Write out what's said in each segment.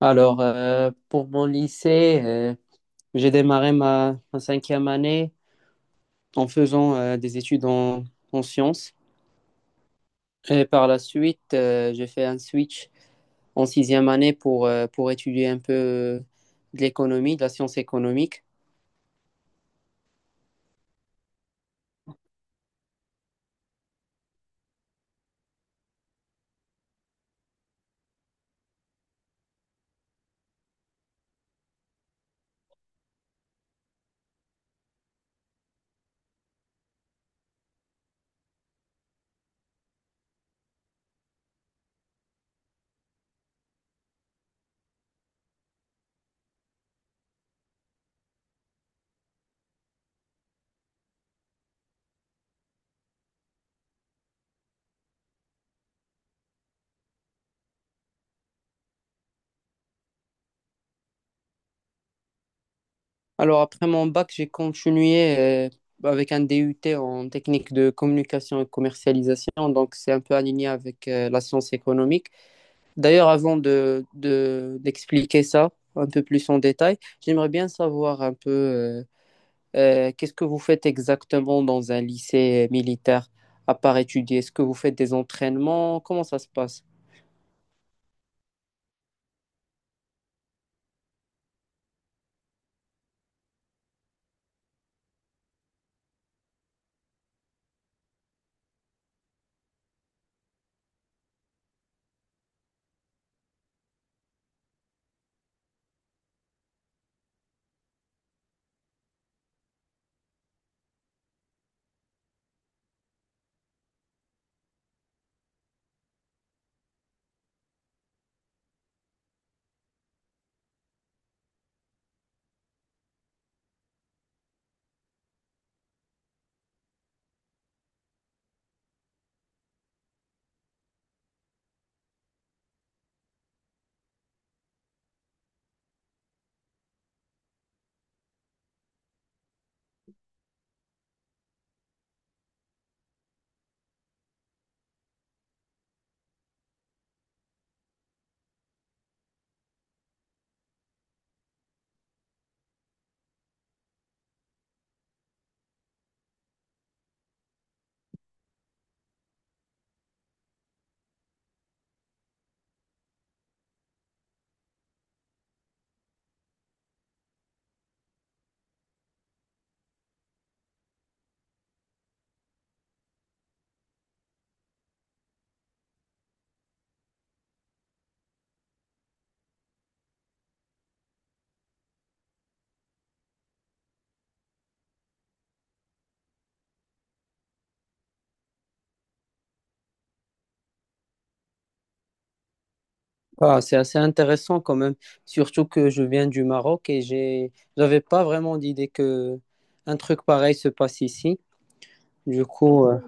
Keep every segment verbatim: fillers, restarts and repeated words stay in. Alors, euh, pour mon lycée, euh, j'ai démarré ma, ma cinquième année en faisant euh, des études en, en sciences. Et par la suite, euh, j'ai fait un switch en sixième année pour, euh, pour étudier un peu euh, de l'économie, de la science économique. Alors, après mon bac, j'ai continué euh, avec un D U T en technique de communication et commercialisation. Donc, c'est un peu aligné avec euh, la science économique. D'ailleurs, avant de, de- d'expliquer ça un peu plus en détail, j'aimerais bien savoir un peu euh, euh, qu'est-ce que vous faites exactement dans un lycée militaire à part étudier. Est-ce que vous faites des entraînements? Comment ça se passe? Ah, c'est assez intéressant quand même, surtout que je viens du Maroc et j'ai, j'avais pas vraiment d'idée que un truc pareil se passe ici. Du coup, euh,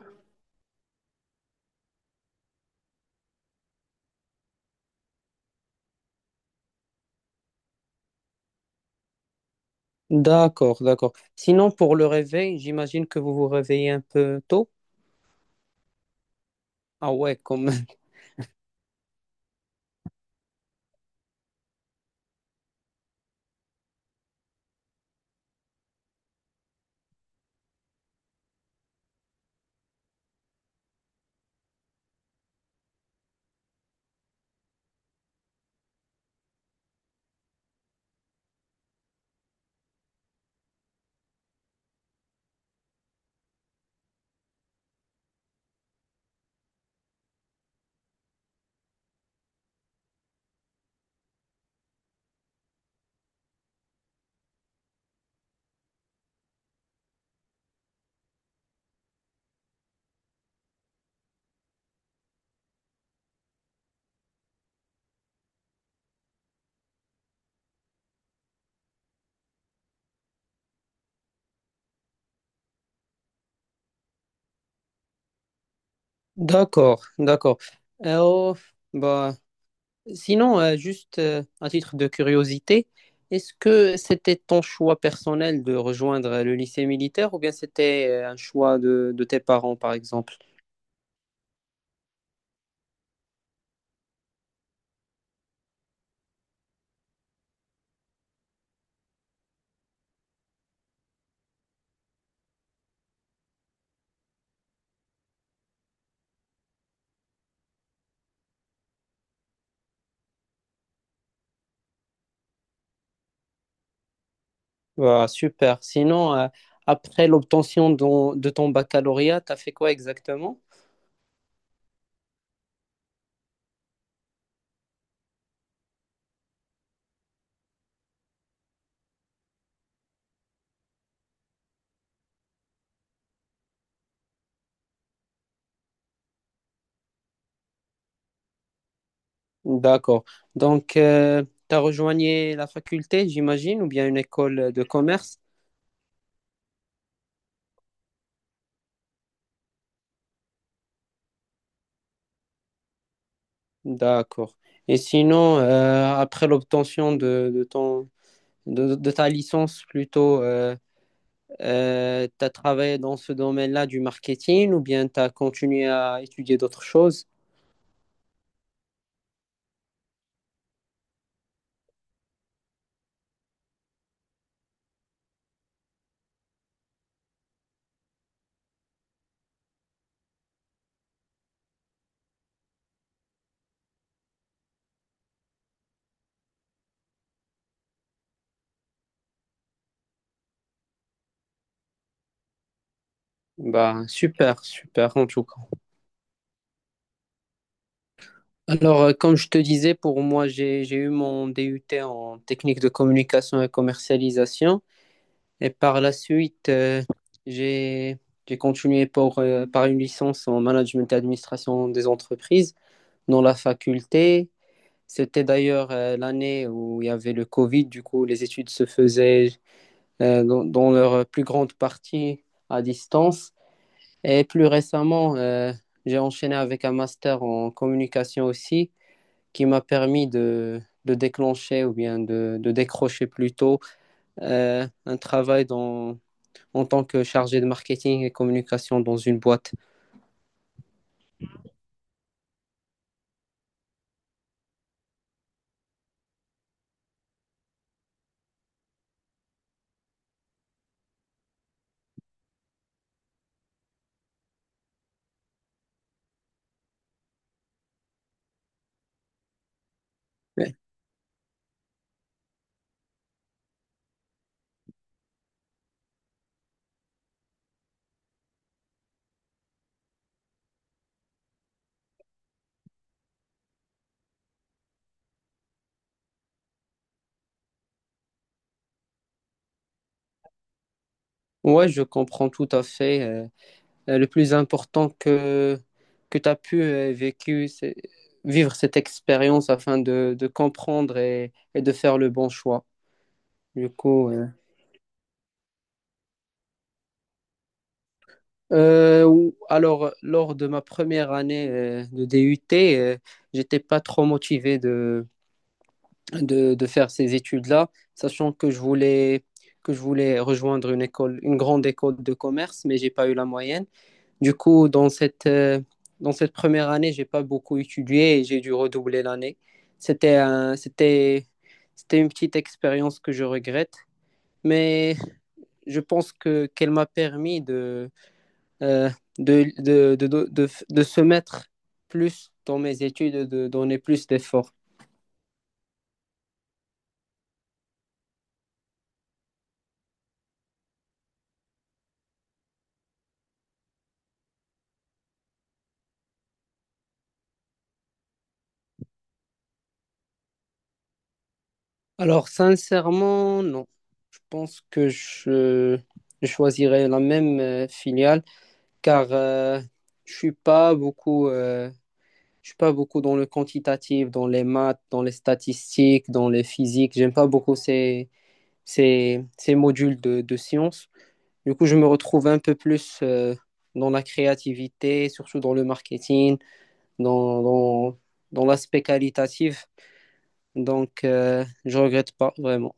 d'accord, d'accord. Sinon, pour le réveil, j'imagine que vous vous réveillez un peu tôt. Ah ouais, comme. D'accord, d'accord. Euh, oh, bah, sinon, euh, juste euh, à titre de curiosité, est-ce que c'était ton choix personnel de rejoindre le lycée militaire ou bien c'était euh, un choix de, de tes parents, par exemple? Bah, super. Sinon, euh, après l'obtention de, de ton baccalauréat, t'as fait quoi exactement? D'accord. Donc, euh, t'as rejoigné la faculté, j'imagine, ou bien une école de commerce? D'accord. Et sinon, euh, après l'obtention de, de ton de, de ta licence plutôt, euh, euh, tu as travaillé dans ce domaine-là du marketing ou bien tu as continué à étudier d'autres choses? Bah, super, super en tout cas. Alors, euh, comme je te disais, pour moi, j'ai, j'ai eu mon D U T en technique de communication et commercialisation. Et par la suite, euh, j'ai, j'ai continué pour, euh, par une licence en management et administration des entreprises dans la faculté. C'était d'ailleurs euh, l'année où il y avait le Covid, du coup les études se faisaient euh, dans, dans leur plus grande partie à distance. Et plus récemment, euh, j'ai enchaîné avec un master en communication aussi, qui m'a permis de, de déclencher ou bien de, de décrocher plutôt euh, un travail dans, en tant que chargé de marketing et communication dans une boîte. Ouais, Ouais, je comprends tout à fait. Euh, euh, le plus important que, que tu as pu euh, vécu, c'est- vivre cette expérience afin de, de comprendre et, et de faire le bon choix. Du coup, euh, euh, ou- alors, lors de ma première année euh, de D U T, euh, j'étais pas trop motivé de, de, de faire ces études-là, sachant que je voulais, que je voulais rejoindre une école, une grande école de commerce, mais j'ai pas eu la moyenne. Du coup, dans cette, euh, dans cette première année, j'ai pas beaucoup étudié et j'ai dû redoubler l'année. C'était un- c'était, c'était une petite expérience que je regrette, mais je pense que qu'elle m'a permis de, euh, de, de, de, de, de f- de se mettre plus dans mes études, de donner plus d'efforts. Alors, sincèrement, non. Je pense que je, je choisirais la même euh, filiale car euh, je suis pas beaucoup. euh, Je suis pas beaucoup dans le quantitatif, dans les maths, dans les statistiques, dans les physiques. J'aime pas beaucoup ces, ces, ces modules de, de sciences. Du coup, je me retrouve un peu plus euh, dans la créativité, surtout dans le marketing, dans, dans, dans l'aspect qualitatif. Donc, euh, je regrette pas vraiment.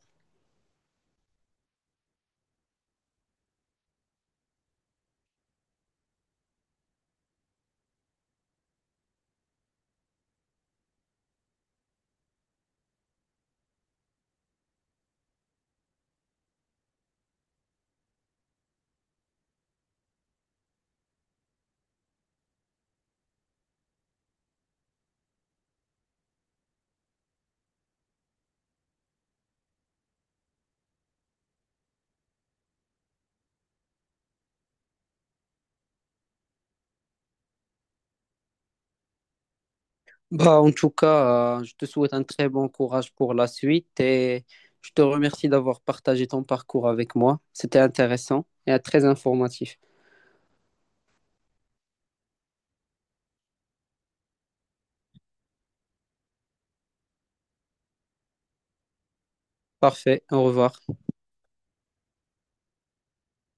Bah, en tout cas, euh, je te souhaite un très bon courage pour la suite et je te remercie d'avoir partagé ton parcours avec moi. C'était intéressant et euh, très informatif. Parfait, au revoir.